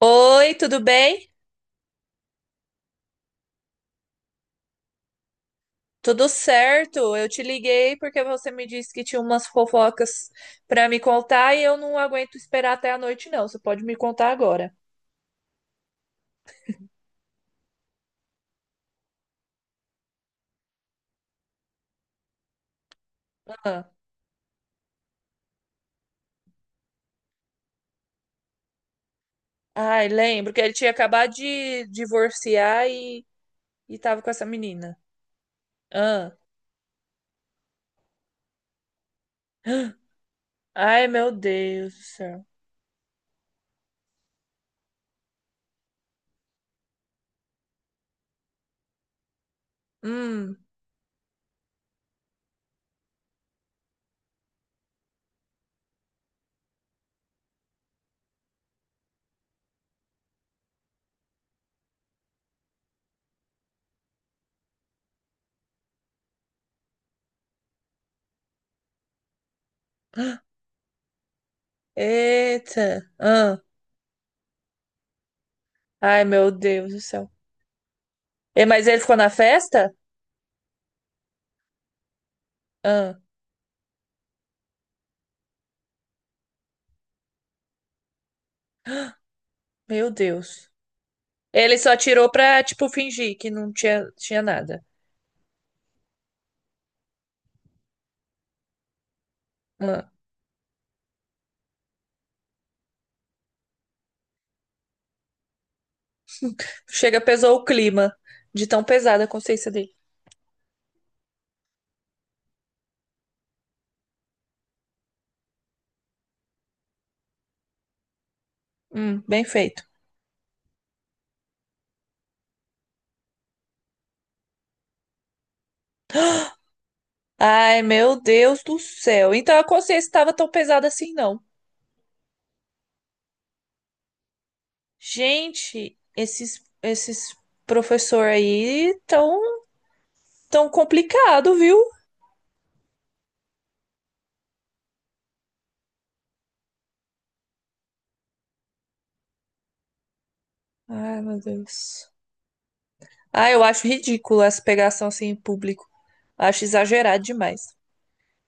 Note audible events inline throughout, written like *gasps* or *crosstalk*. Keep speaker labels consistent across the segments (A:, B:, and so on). A: Oi, tudo bem? Tudo certo? Eu te liguei porque você me disse que tinha umas fofocas para me contar e eu não aguento esperar até a noite, não. Você pode me contar agora. Ah, ai, lembro que ele tinha acabado de divorciar e tava com essa menina. Ah, *gasps* ai, meu Deus do céu. Hum, eita. Ah, ai, meu Deus do céu. E, mas ele ficou na festa? Ah, meu Deus. Ele só tirou pra, tipo, fingir que não tinha nada. Ah. Chega, pesou o clima de tão pesada a consciência dele. Bem feito. Ai, meu Deus do céu. Então a consciência estava tão pesada assim, não. Gente, esses professor aí tão, tão complicado, viu? Ai, meu Deus. Ah, eu acho ridículo essa pegação assim em público. Acho exagerado demais.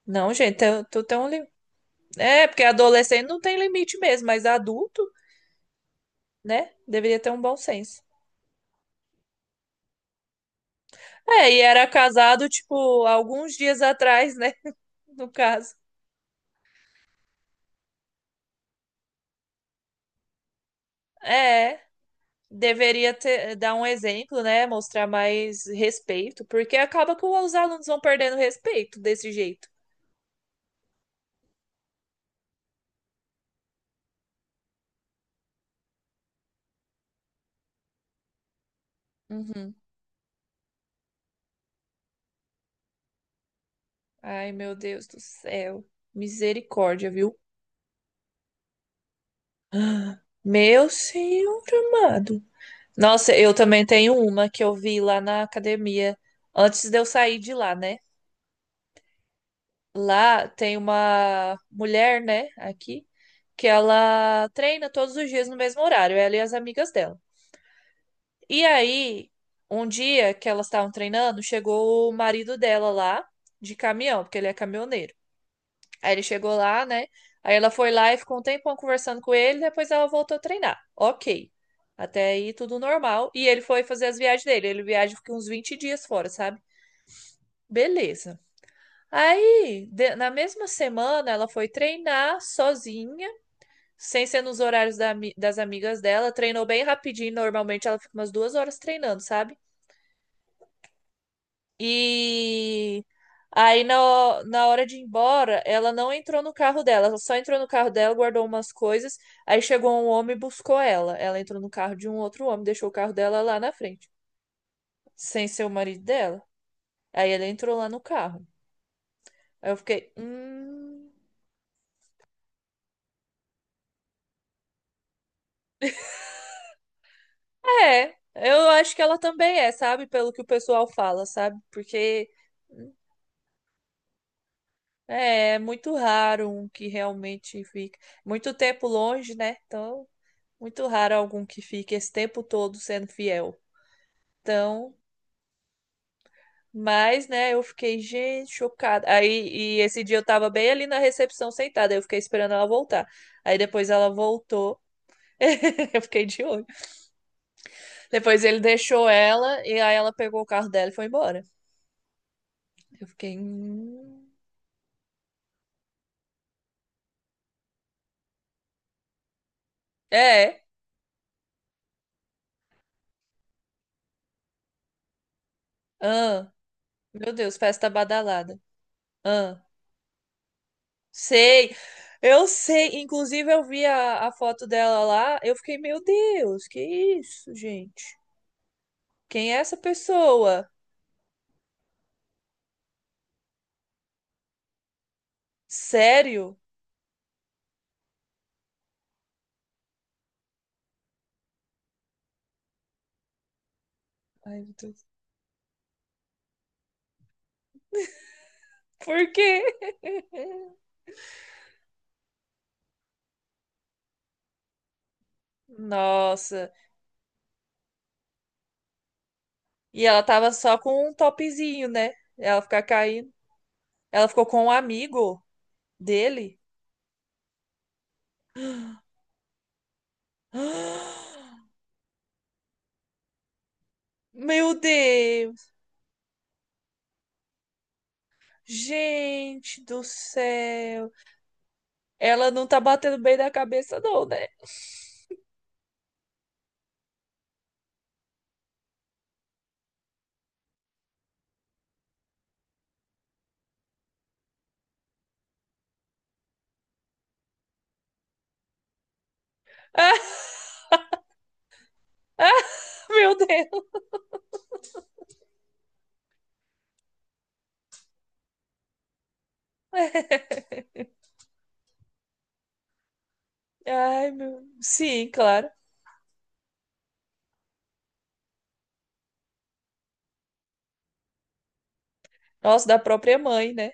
A: Não, gente, tu tem um limite. É, porque adolescente não tem limite mesmo, mas adulto né? Deveria ter um bom senso. É, e era casado, tipo, alguns dias atrás, né? *laughs* No caso. É, deveria ter, dar um exemplo, né? Mostrar mais respeito, porque acaba que os alunos vão perdendo respeito desse jeito. Uhum. Ai, meu Deus do céu. Misericórdia, viu? *gasps* Meu senhor amado. Nossa, eu também tenho uma que eu vi lá na academia antes de eu sair de lá, né? Lá tem uma mulher, né, aqui, que ela treina todos os dias no mesmo horário, ela e as amigas dela. E aí, um dia que elas estavam treinando, chegou o marido dela lá de caminhão, porque ele é caminhoneiro. Aí ele chegou lá, né? Aí ela foi lá e ficou um tempão conversando com ele, depois ela voltou a treinar. Ok. Até aí tudo normal. E ele foi fazer as viagens dele. Ele viaja fica uns 20 dias fora, sabe? Beleza. Aí, na mesma semana, ela foi treinar sozinha, sem ser nos horários da das amigas dela. Treinou bem rapidinho, normalmente ela fica umas 2 horas treinando, sabe? E aí, na hora de ir embora, ela não entrou no carro dela, ela só entrou no carro dela, guardou umas coisas. Aí chegou um homem e buscou ela. Ela entrou no carro de um outro homem, deixou o carro dela lá na frente, sem ser o marido dela. Aí ela entrou lá no carro. Aí eu fiquei. É, eu acho que ela também é, sabe? Pelo que o pessoal fala, sabe? Porque é, é muito raro um que realmente fica. Muito tempo longe, né? Então, muito raro algum que fique esse tempo todo sendo fiel. Então, mas, né, eu fiquei, gente, chocada. Aí, e esse dia eu tava bem ali na recepção sentada, eu fiquei esperando ela voltar. Aí depois ela voltou. *laughs* Eu fiquei de olho. Depois ele deixou ela e aí ela pegou o carro dela e foi embora. Eu fiquei. É. Ah, meu Deus, festa badalada. Ah, sei. Eu sei. Inclusive, eu vi a foto dela lá. Eu fiquei, meu Deus, que isso, gente? Quem é essa pessoa? Sério? Ai, meu Deus. Por quê? *laughs* Nossa. E ela tava só com um topzinho, né? Ela ficar caindo. Ela ficou com um amigo dele. *gasps* Meu Deus. Gente do céu. Ela não tá batendo bem na cabeça, não, né? Ah, *laughs* meu Deus. Ai, meu. Sim, claro. Nossa, da própria mãe, né?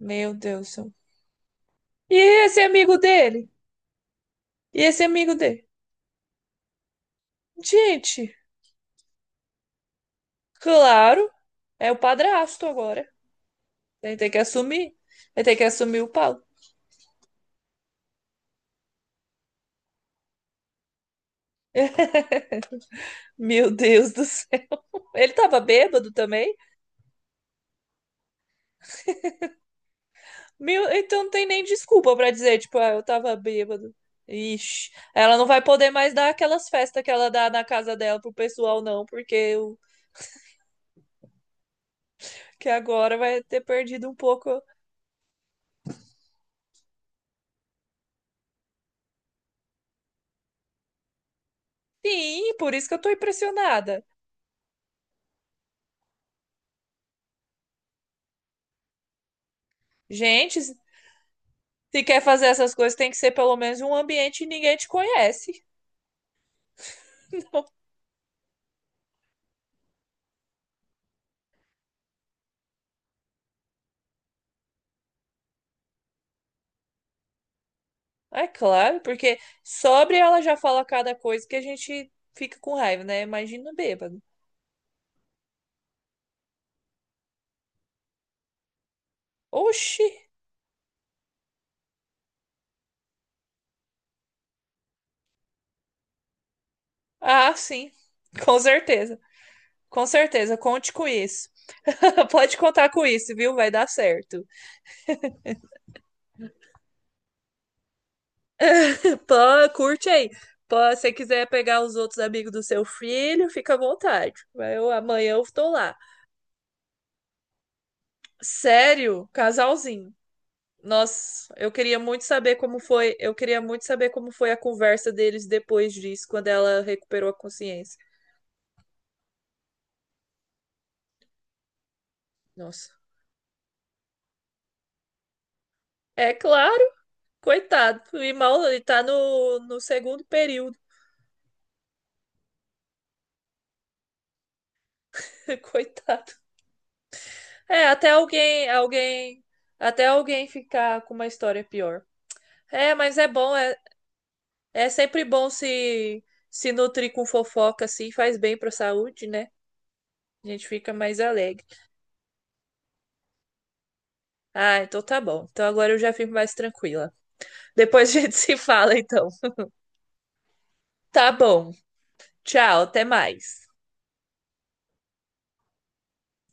A: Meu Deus do céu. E esse amigo dele? E esse amigo dele? Gente, claro, é o padrasto agora. Ele tem que assumir. Ele tem que assumir o pau. Meu Deus do céu. Ele tava bêbado também? Meu, então não tem nem desculpa pra dizer, tipo, ah, eu tava bêbado. Ixi, ela não vai poder mais dar aquelas festas que ela dá na casa dela pro pessoal, não, porque o que agora vai ter perdido um pouco. Sim, por isso que eu tô impressionada. Gente, se quer fazer essas coisas, tem que ser pelo menos um ambiente que ninguém te conhece. É claro, porque sobre ela já fala cada coisa que a gente fica com raiva, né? Imagina bêbado. Oxi! Ah, sim, com certeza. Com certeza, conte com isso. *laughs* Pode contar com isso, viu? Vai dar certo. *laughs* Pô, curte aí. Pô, se você quiser pegar os outros amigos do seu filho, fica à vontade. Eu, amanhã eu estou lá. Sério, casalzinho. Nossa, eu queria muito saber como foi, eu queria muito saber como foi a conversa deles depois disso, quando ela recuperou a consciência. Nossa. É claro, coitado. E mal ele tá no segundo período. *laughs* Coitado. É, até até alguém ficar com uma história pior. É, mas é bom, é, é sempre bom se nutrir com fofoca assim, faz bem pra saúde, né? A gente fica mais alegre. Ah, então tá bom. Então agora eu já fico mais tranquila. Depois a gente *laughs* se fala, então. Tá bom. Tchau, até mais.